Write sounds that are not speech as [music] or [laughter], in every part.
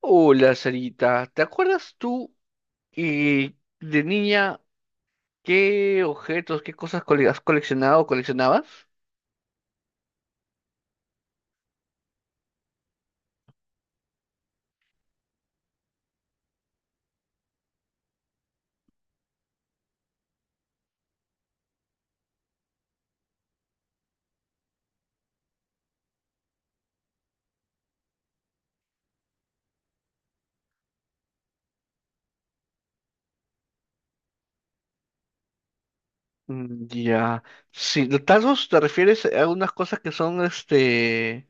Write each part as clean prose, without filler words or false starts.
Hola, Sarita. ¿Te acuerdas tú eh, de niña qué objetos, qué cosas has coleccionado o coleccionabas? Mm, ya. Si de tazos te refieres a algunas cosas que son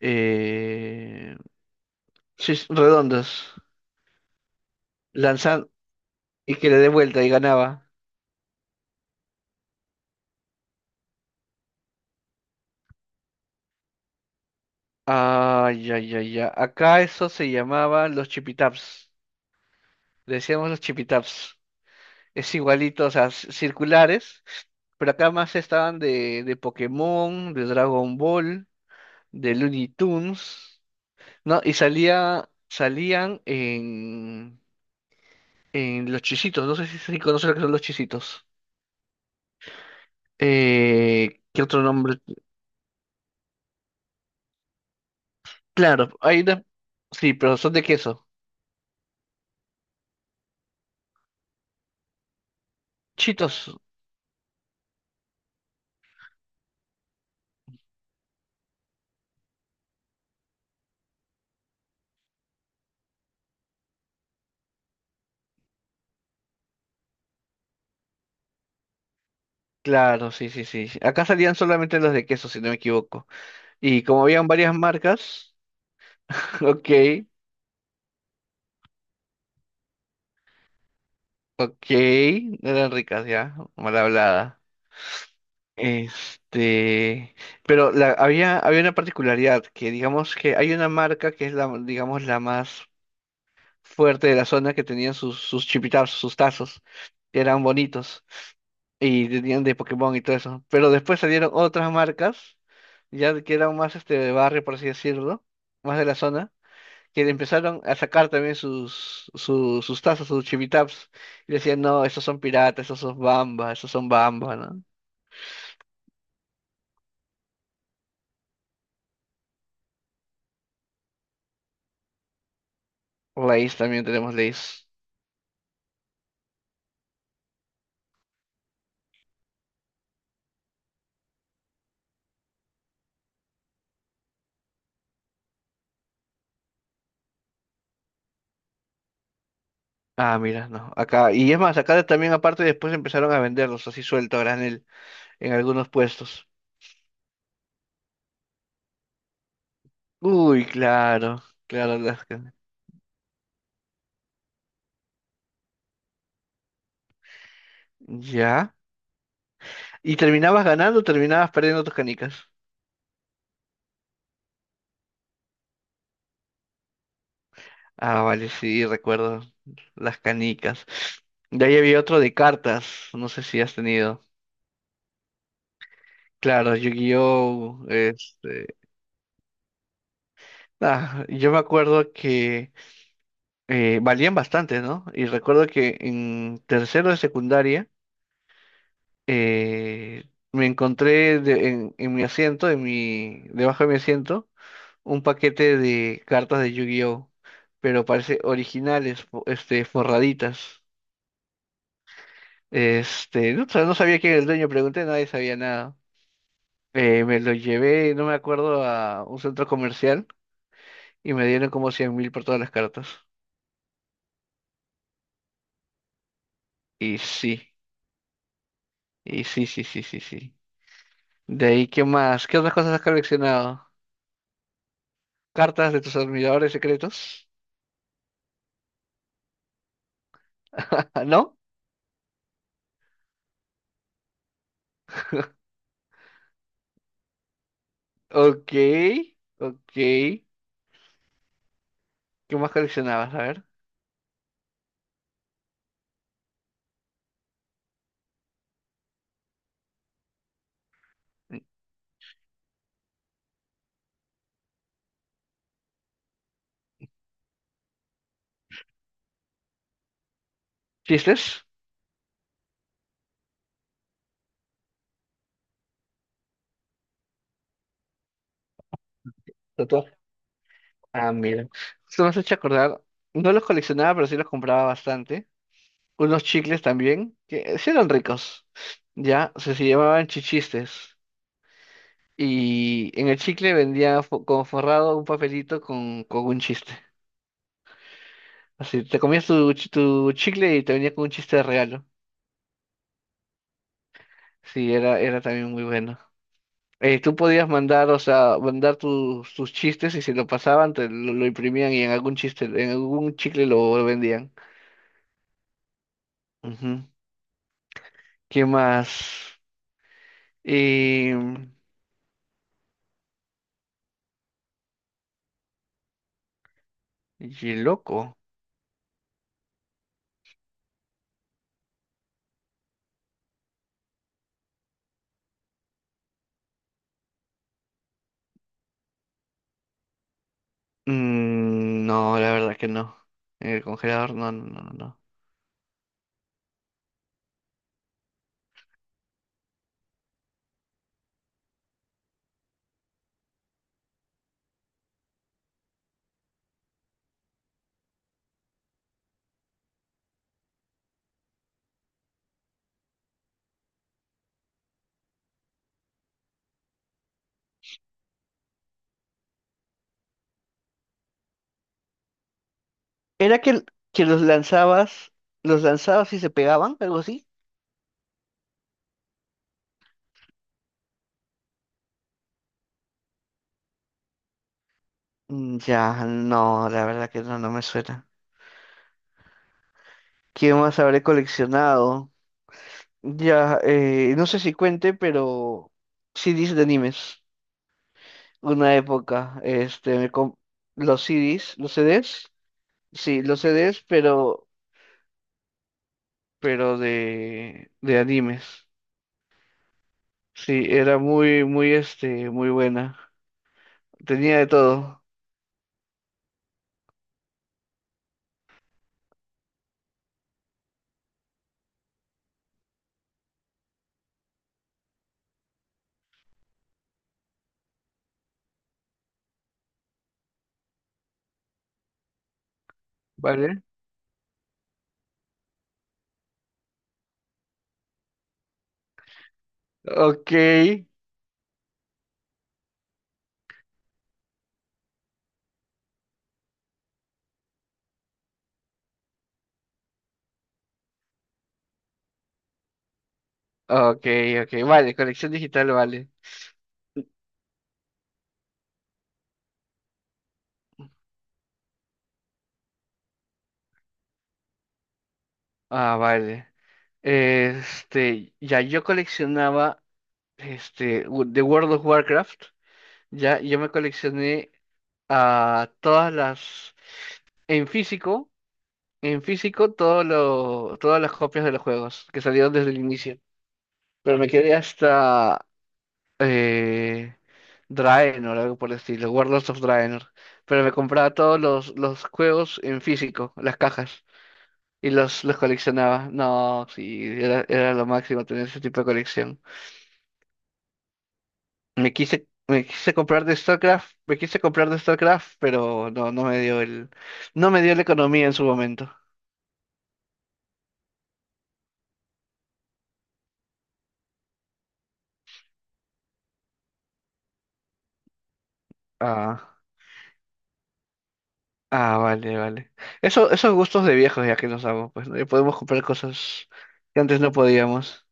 eh, sí, redondas. Lanzan y que le dé vuelta y ganaba. Ah, ya, ya, ya. Acá eso se llamaba los chipitaps. Le decíamos los chipitaps. Es igualito, o sea, circulares, pero acá más estaban de Pokémon, de Dragon Ball, de Looney Tunes, ¿no? Y salían en Los Chisitos, no sé si conoces lo que son Los Chisitos. ¿Qué otro nombre? Claro, hay sí, pero son de queso. Chitos. Claro, sí, sí, sí, sí. Acá salían solamente los de queso, si no me equivoco. Y como habían varias marcas, [laughs] ok. Ok, no eran ricas ya, mal hablada. Este, pero había, había una particularidad, que digamos que hay una marca que es la, digamos, la más fuerte de la zona que tenían sus chipitazos, sus tazos, que eran bonitos, y tenían de Pokémon y todo eso. Pero después salieron otras marcas, ya que eran más este de barrio, por así decirlo, más de la zona que empezaron a sacar también sus tazas, sus chivitaps, y decían, no, estos son piratas, estos son bamba, ¿no? Lays, también tenemos Lays. Ah, mira, no, acá, y es más, acá también aparte después empezaron a venderlos así suelto a granel en algunos puestos. Uy, claro, claro, ya. ¿Y terminabas ganando o terminabas perdiendo tus canicas? Ah, vale, sí, recuerdo las canicas. De ahí había otro de cartas, no sé si has tenido. Claro, Yu-Gi-Oh! Este, ah, yo me acuerdo que valían bastante, ¿no? Y recuerdo que en tercero de secundaria eh, me encontré en mi asiento, en mi, debajo de mi asiento, un paquete de cartas de Yu-Gi-Oh! Pero parece originales, forraditas. Este, no, no sabía quién era el dueño, pregunté, nadie sabía nada. Me lo llevé, no me acuerdo, a un centro comercial y me dieron como 100 000 por todas las cartas. Y sí, y sí, sí, sí, sí, sí. De ahí, ¿qué más? ¿Qué otras cosas has coleccionado? ¿Cartas de tus admiradores secretos? [laughs] ¿No? Ok, ok. ¿Qué más coleccionabas? A ver. ¿Chistes? Tatuajes. Ah, mira. Esto me has hecho acordar. No los coleccionaba, pero sí los compraba bastante. Unos chicles también, que sí eran ricos. Ya, o sea, se llamaban chichistes. Y en el chicle vendía como forrado un papelito con un chiste. Así, te comías tu chicle y te venía con un chiste de regalo. Sí, era, era también muy bueno. Tú podías mandar, o sea, mandar tus chistes y si lo pasaban, lo imprimían y en algún chiste, en algún chicle lo vendían. Ujú. ¿Qué más? Y, y loco. Mm, no, la verdad que no. En el congelador, no. ¿Era que los lanzabas y se pegaban, algo así? Mm, ya, no, la verdad que no, no me suena. ¿Qué más habré coleccionado? Ya, no sé si cuente, pero CDs de animes. Una época, este, los CDs, sí, los CDs, pero de animes. Sí, era muy, muy, este, muy buena. Tenía de todo. ¿Vale? Ok, ok, ok. Vale, colección digital, vale. Ah, vale. Este, ya yo coleccionaba. Este, de World of Warcraft, ya yo me coleccioné a todas las, en físico, en físico, todas las copias de los juegos que salieron desde el inicio. Pero me quedé hasta eh, Draenor, algo por el estilo, Warlords of Draenor. Pero me compraba los juegos en físico, las cajas, y los coleccionaba. No, sí, era, era lo máximo tener ese tipo de colección. Me quise comprar de StarCraft, me quise comprar de StarCraft, pero no, no me dio la economía en su momento. Ah, ah, vale, vale. Eso, esos gustos de viejos ya que nos damos, pues, ¿no? Ya podemos comprar cosas que antes no podíamos.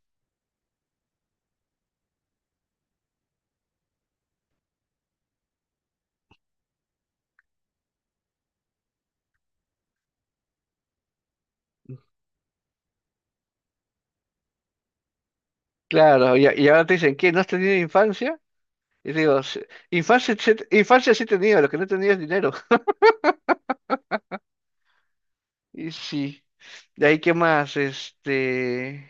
Claro, y ahora te dicen, ¿qué? ¿No has tenido infancia? Y digo, "Sí, infancia, infancia sí he tenido, lo que no tenía es dinero." [laughs] Y sí. De ahí, ¿qué más? Este.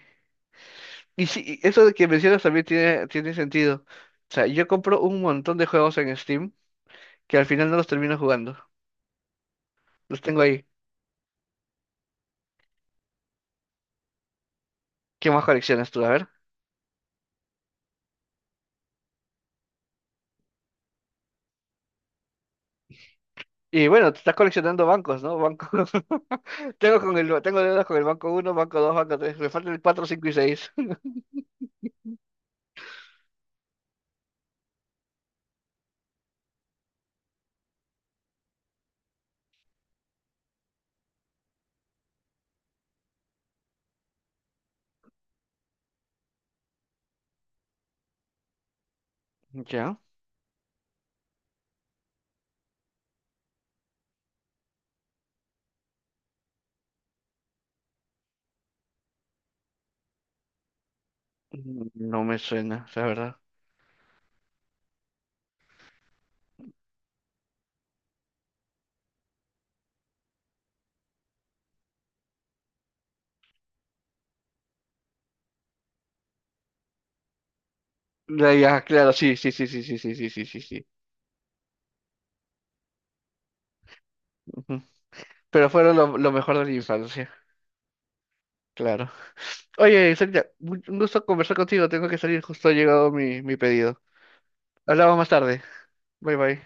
Y sí, y eso de que mencionas también tiene, tiene sentido. O sea, yo compro un montón de juegos en Steam que al final no los termino jugando. Los tengo ahí. ¿Qué más coleccionas tú? A ver. Y bueno, te estás coleccionando bancos, ¿no? Banco... [laughs] tengo con el... tengo deudas con el banco uno, banco dos, banco tres. Me faltan el cuatro, cinco y seis. [laughs] ¿Ya? Mm, no me suena, la verdad. Ya, ya, claro, sí, sí, sí, sí, sí, sí, sí, sí, sí, sí. Ujú. Pero fueron lo mejor de la infancia, claro. Oye, Celia, un gusto conversar contigo. Tengo que salir, justo ha llegado mi pedido. Hablamos más tarde. Bye bye.